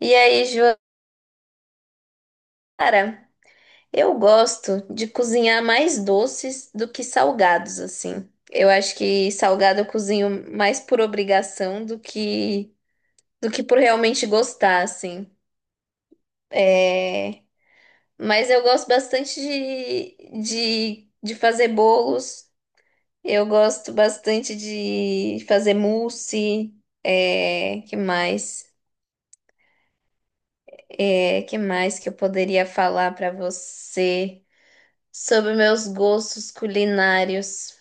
E aí, Joara, eu gosto de cozinhar mais doces do que salgados, assim. Eu acho que salgado eu cozinho mais por obrigação do que por realmente gostar, assim. É, mas eu gosto bastante de fazer bolos, eu gosto bastante de fazer mousse, que mais? Que mais que eu poderia falar para você sobre meus gostos culinários?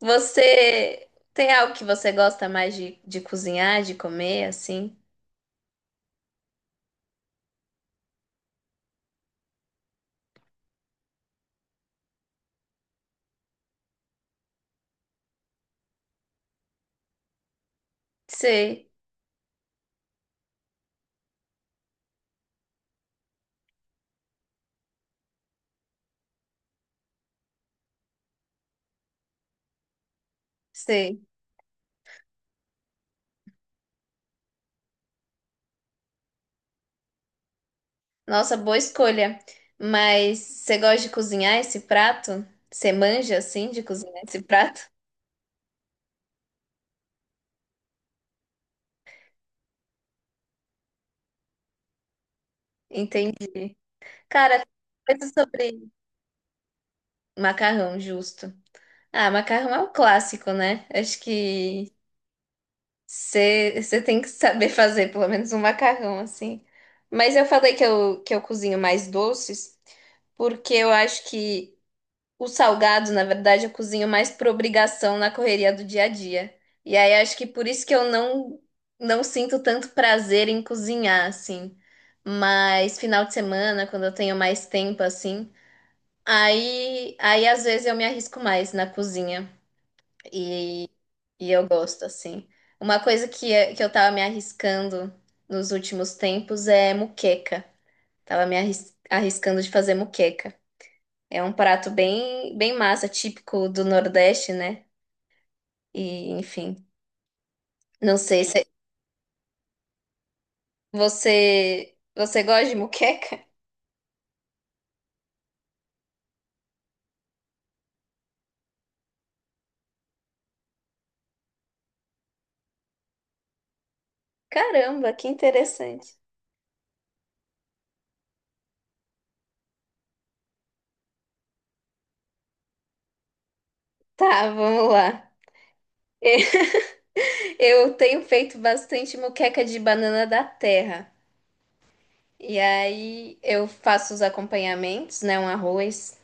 Você tem algo que você gosta mais de cozinhar, de comer, assim? Sei, sei. Nossa, boa escolha. Mas você gosta de cozinhar esse prato? Você manja, assim, de cozinhar esse prato? Entendi. Cara, coisa sobre macarrão, justo. Ah, macarrão é um clássico, né? Acho que você tem que saber fazer pelo menos um macarrão assim. Mas eu falei que eu cozinho mais doces, porque eu acho que o salgado, na verdade, eu cozinho mais por obrigação na correria do dia a dia. E aí acho que por isso que eu não sinto tanto prazer em cozinhar, assim. Mas final de semana, quando eu tenho mais tempo, assim, aí às vezes eu me arrisco mais na cozinha. E, e eu gosto, assim. Uma coisa que, que eu tava me arriscando nos últimos tempos é muqueca. Tava me arriscando de fazer muqueca. É um prato bem massa, típico do Nordeste, né? E, enfim, não sei se você gosta de muqueca? Caramba, que interessante. Tá, vamos lá. Eu tenho feito bastante muqueca de banana da terra. E aí eu faço os acompanhamentos, né? Um arroz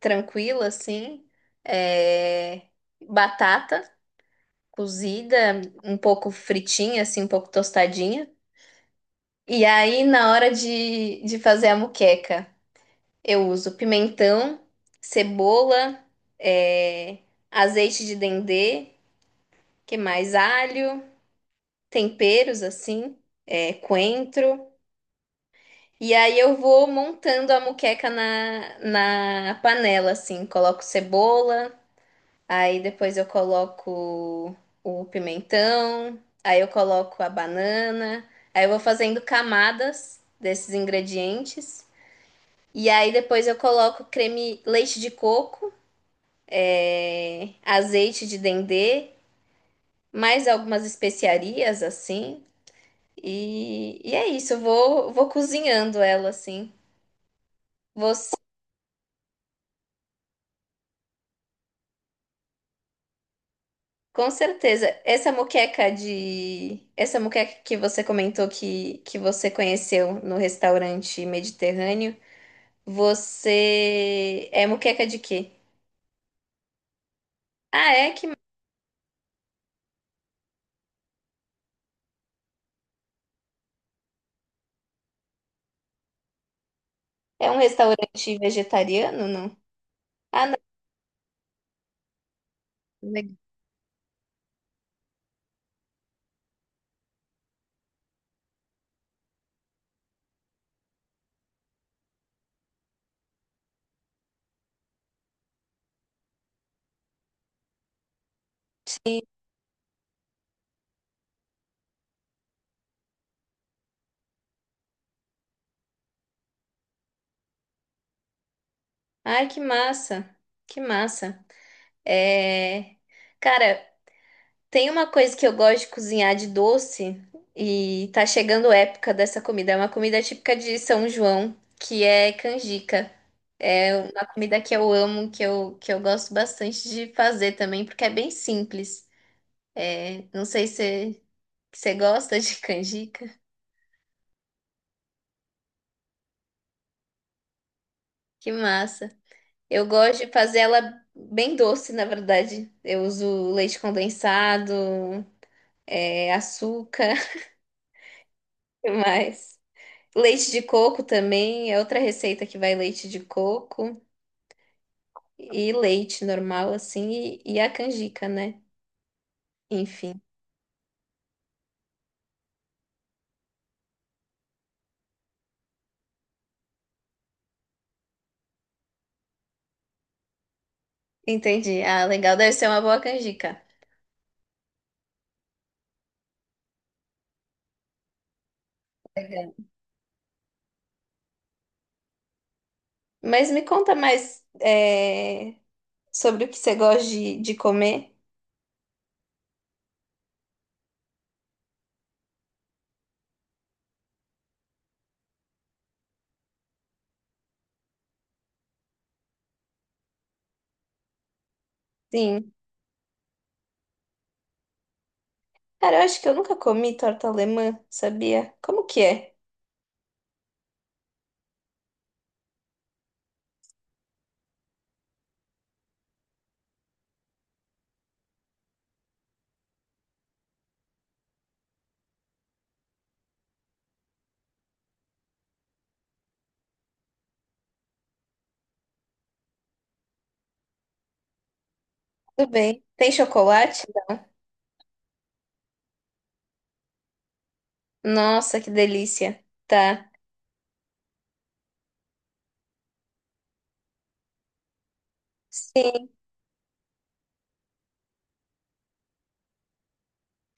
tranquilo, assim, é, batata cozida, um pouco fritinha, assim, um pouco tostadinha. E aí, na hora de fazer a moqueca, eu uso pimentão, cebola, é, azeite de dendê, que mais? Alho, temperos, assim, é, coentro. E aí eu vou montando a moqueca na panela, assim. Coloco cebola, aí depois eu coloco o pimentão, aí eu coloco a banana, aí eu vou fazendo camadas desses ingredientes. E aí depois eu coloco creme leite de coco, é, azeite de dendê, mais algumas especiarias assim. E é isso, vou cozinhando ela assim. Vou com certeza. Essa moqueca de. Essa moqueca que você comentou que você conheceu no restaurante mediterrâneo, você. É moqueca de quê? Ah, é que é um restaurante vegetariano, não? Ah, não. Ai, que massa. Que massa. É. Cara, tem uma coisa que eu gosto de cozinhar de doce e tá chegando a época dessa comida. É uma comida típica de São João, que é canjica. É uma comida que eu amo, que eu gosto bastante de fazer também, porque é bem simples. É, não sei se você gosta de canjica. Que massa. Eu gosto de fazer ela bem doce, na verdade. Eu uso leite condensado, é, açúcar, o que mais? Leite de coco também é outra receita que vai leite de coco e leite normal, assim, e a canjica, né? Enfim, entendi. Ah, legal, deve ser uma boa canjica. Legal. Mas me conta mais é, sobre o que você gosta de comer. Sim. Cara, eu acho que eu nunca comi torta alemã, sabia? Como que é? Tudo bem. Tem chocolate? Nossa, que delícia. Tá. Sim.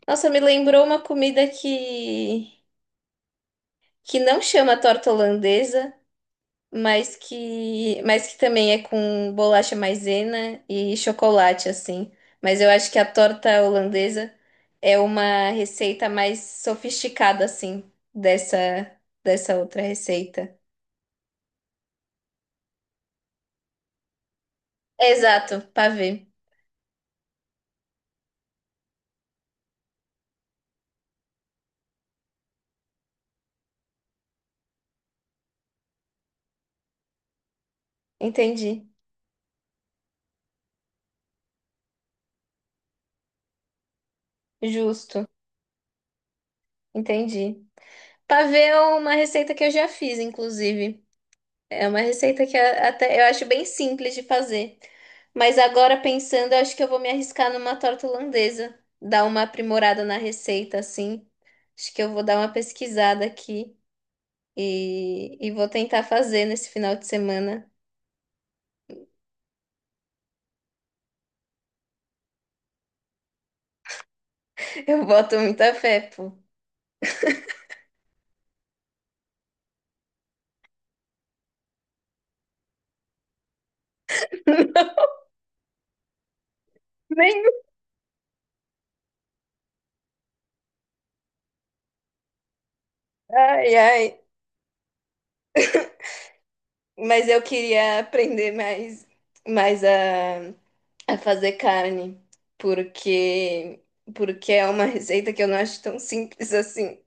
Nossa, me lembrou uma comida que não chama torta holandesa, mas que também é com bolacha maisena e chocolate, assim. Mas eu acho que a torta holandesa é uma receita mais sofisticada, assim, dessa outra receita. Exato, pavê. Entendi. Justo. Entendi. Pavê é uma receita que eu já fiz, inclusive. É uma receita até eu acho bem simples de fazer. Mas agora pensando, eu acho que eu vou me arriscar numa torta holandesa, dar uma aprimorada na receita assim. Acho que eu vou dar uma pesquisada aqui e vou tentar fazer nesse final de semana. Eu boto muita fé, pô. Nem- Ai, ai. Mas eu queria aprender mais a fazer carne, porque porque é uma receita que eu não acho tão simples assim.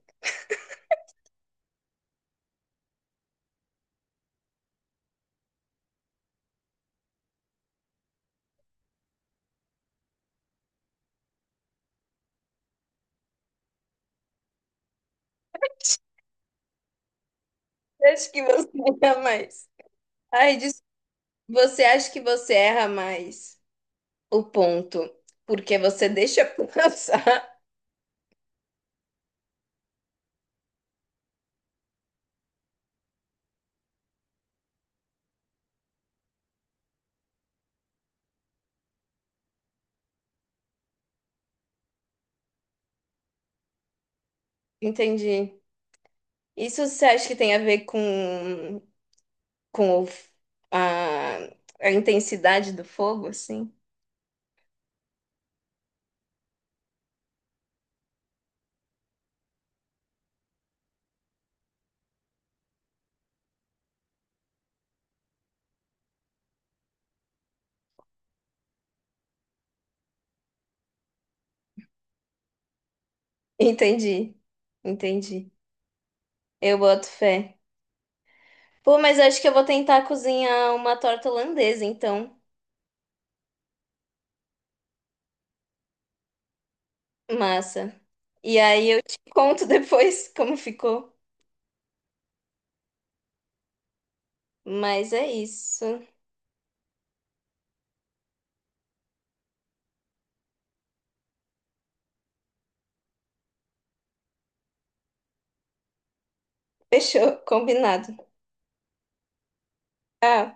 Acho que você erra mais. Ai, des- Você acha que você erra mais o ponto porque você deixa passar? Entendi. Isso você acha que tem a ver com a, a intensidade do fogo, assim? Entendi. Entendi. Eu boto fé. Pô, mas acho que eu vou tentar cozinhar uma torta holandesa, então. Massa. E aí eu te conto depois como ficou. Mas é isso. Fechou, combinado. Tchau.